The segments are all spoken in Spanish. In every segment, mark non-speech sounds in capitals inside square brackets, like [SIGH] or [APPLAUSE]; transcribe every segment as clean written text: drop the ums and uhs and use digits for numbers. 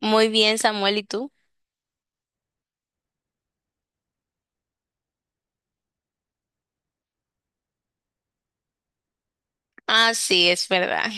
Muy bien, Samuel, ¿y tú? Ah, sí, es verdad.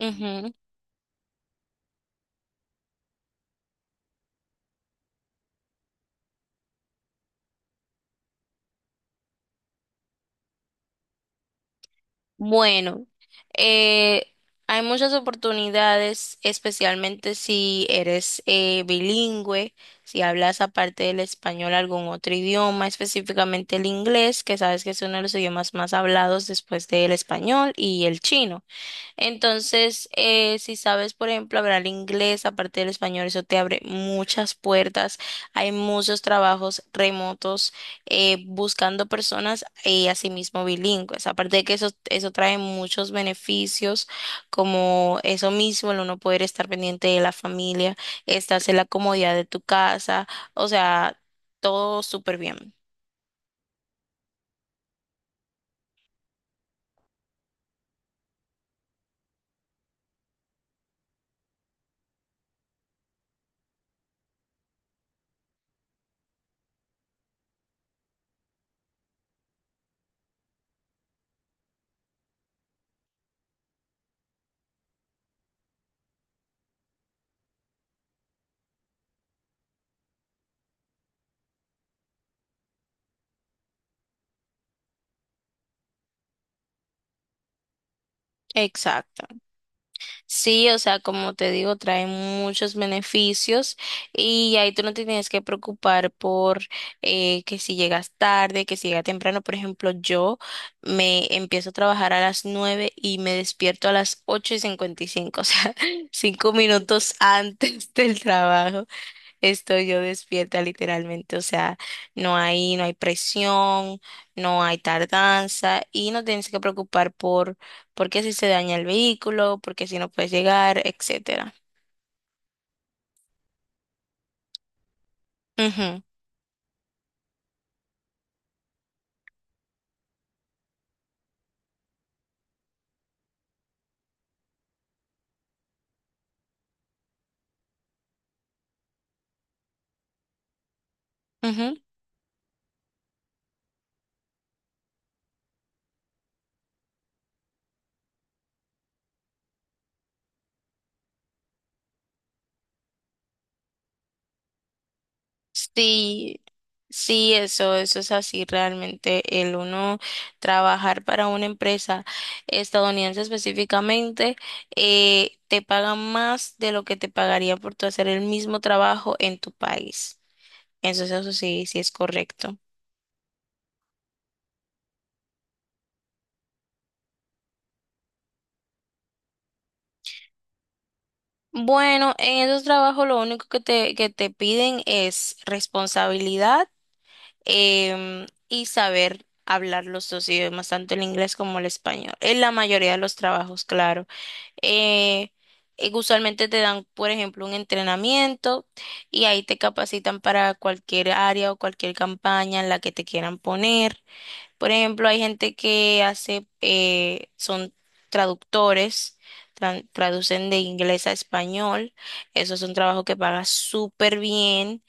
Ujú. Bueno, eh, hay muchas oportunidades, especialmente si eres bilingüe, si hablas aparte del español algún otro idioma, específicamente el inglés, que sabes que es uno de los idiomas más hablados después del español y el chino. Entonces, si sabes, por ejemplo, hablar inglés aparte del español, eso te abre muchas puertas. Hay muchos trabajos remotos buscando personas y asimismo bilingües. Aparte de que eso trae muchos beneficios, como eso mismo, el uno poder estar pendiente de la familia, estás en la comodidad de tu casa, o sea, todo súper bien. Exacto. Sí, o sea, como te digo, trae muchos beneficios y ahí tú no te tienes que preocupar por que si llegas tarde, que si llegas temprano. Por ejemplo, yo me empiezo a trabajar a las 9 y me despierto a las 8 y cincuenta y cinco, o sea, [LAUGHS] 5 minutos antes del trabajo. Estoy yo despierta literalmente, o sea, no hay presión, no hay tardanza y no tienes que preocupar por qué si se daña el vehículo, por qué si no puedes llegar, etcétera. Ujú, ujú. Sí, sí, eso es así realmente. El uno trabajar para una empresa estadounidense específicamente, te pagan más de lo que te pagaría por tu hacer el mismo trabajo en tu país. Entonces eso sí, sí es correcto. Bueno, en esos trabajos lo único que te piden es responsabilidad y saber hablar los dos idiomas, tanto el inglés como el español. En la mayoría de los trabajos, claro. Eh, usualmente te dan, por ejemplo, un entrenamiento y ahí te capacitan para cualquier área o cualquier campaña en la que te quieran poner. Por ejemplo, hay gente que hace, son traductores, traducen de inglés a español. Eso es un trabajo que paga súper bien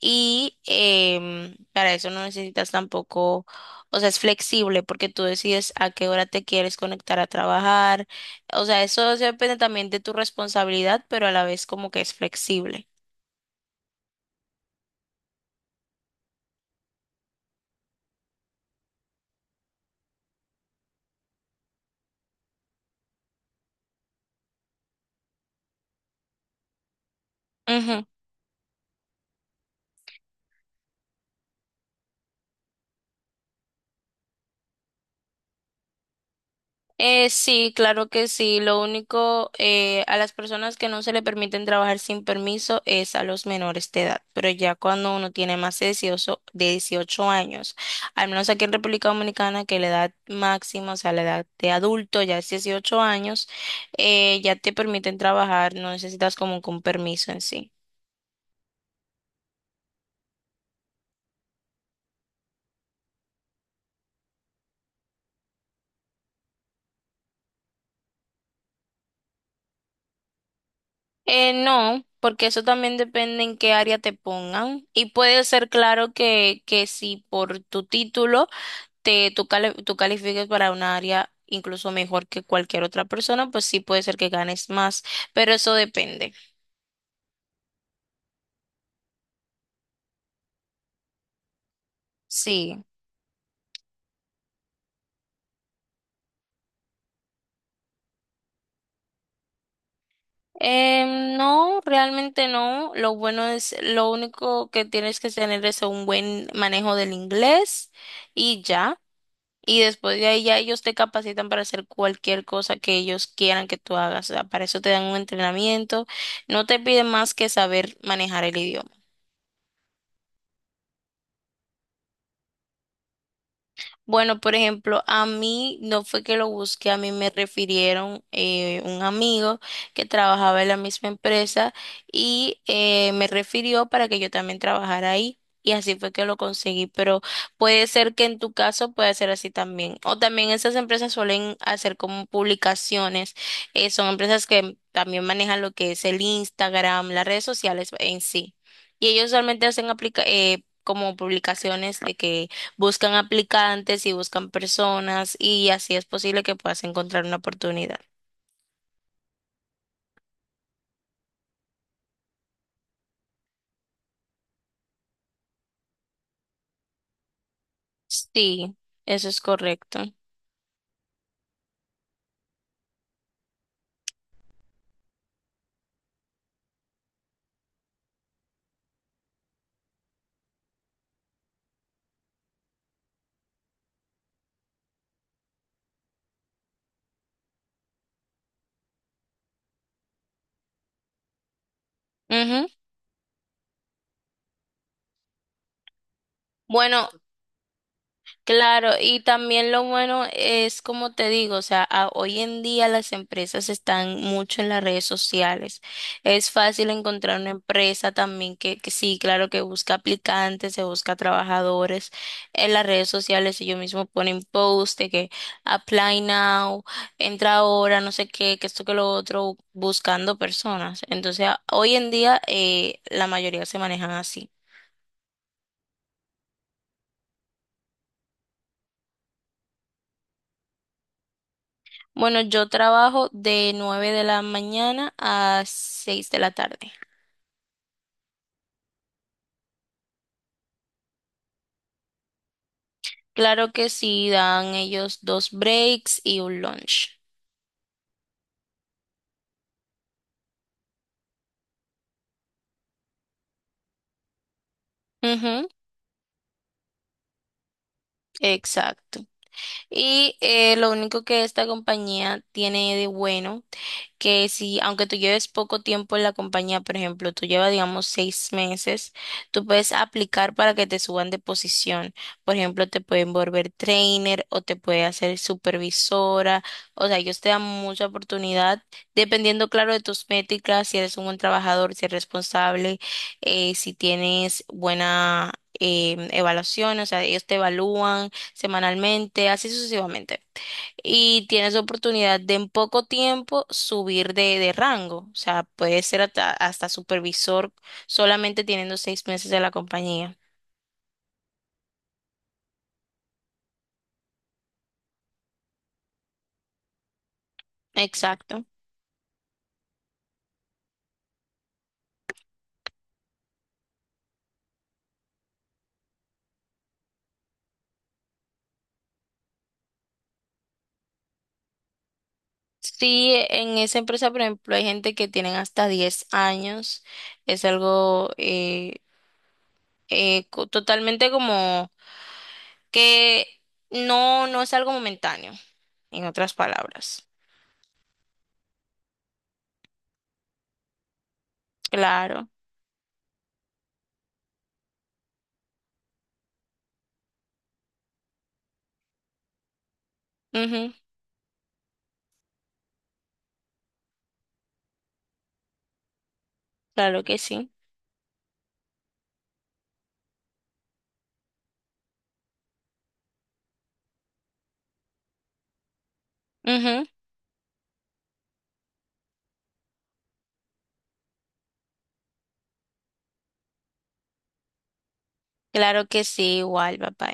y para eso no necesitas tampoco, o sea, es flexible porque tú decides a qué hora te quieres conectar a trabajar. O sea, eso depende también de tu responsabilidad, pero a la vez como que es flexible. Sí, claro que sí. Lo único, a las personas que no se le permiten trabajar sin permiso es a los menores de edad. Pero ya cuando uno tiene más de 18, de 18 años, al menos aquí en República Dominicana, que la edad máxima, o sea, la edad de adulto ya es 18 años, ya te permiten trabajar, no necesitas como que un permiso en sí. No, porque eso también depende en qué área te pongan. Y puede ser claro que si por tu título tú califiques para un área incluso mejor que cualquier otra persona, pues sí puede ser que ganes más, pero eso depende. Sí. No, realmente no. Lo bueno es, lo único que tienes que tener es un buen manejo del inglés y ya. Y después de ahí ya ellos te capacitan para hacer cualquier cosa que ellos quieran que tú hagas. O sea, para eso te dan un entrenamiento. No te piden más que saber manejar el idioma. Bueno, por ejemplo, a mí no fue que lo busqué, a mí me refirieron un amigo que trabajaba en la misma empresa y me refirió para que yo también trabajara ahí. Y así fue que lo conseguí, pero puede ser que en tu caso pueda ser así también. O también esas empresas suelen hacer como publicaciones. Son empresas que también manejan lo que es el Instagram, las redes sociales en sí. Y ellos solamente hacen aplica como publicaciones de que buscan aplicantes y buscan personas y así es posible que puedas encontrar una oportunidad. Sí, eso es correcto. Ujú. Bueno. Claro, y también lo bueno es, como te digo, o sea, hoy en día las empresas están mucho en las redes sociales. Es fácil encontrar una empresa también que sí, claro, que busca aplicantes, se busca trabajadores en las redes sociales. Ellos mismos ponen post de que apply now, entra ahora, no sé qué, que esto que lo otro, buscando personas. Entonces, hoy en día la mayoría se manejan así. Bueno, yo trabajo de 9 de la mañana a 6 de la tarde. Claro que sí, dan ellos dos breaks y un lunch. Ujú, exacto. Y lo único que esta compañía tiene de bueno que si, aunque tú lleves poco tiempo en la compañía, por ejemplo, tú llevas, digamos, 6 meses, tú puedes aplicar para que te suban de posición. Por ejemplo, te pueden volver trainer o te puede hacer supervisora. O sea, ellos te dan mucha oportunidad, dependiendo, claro, de tus métricas, si eres un buen trabajador, si eres responsable, si tienes buena... evaluación, o sea, ellos te evalúan semanalmente, así sucesivamente y tienes oportunidad de en poco tiempo subir de rango. O sea, puedes ser hasta, hasta supervisor solamente teniendo 6 meses de la compañía. Exacto. Sí, en esa empresa, por ejemplo, hay gente que tienen hasta 10 años. Es algo totalmente como que no, no es algo momentáneo, en otras palabras. Claro. Ujú, claro que sí. Ujú, claro que sí, igual, papá.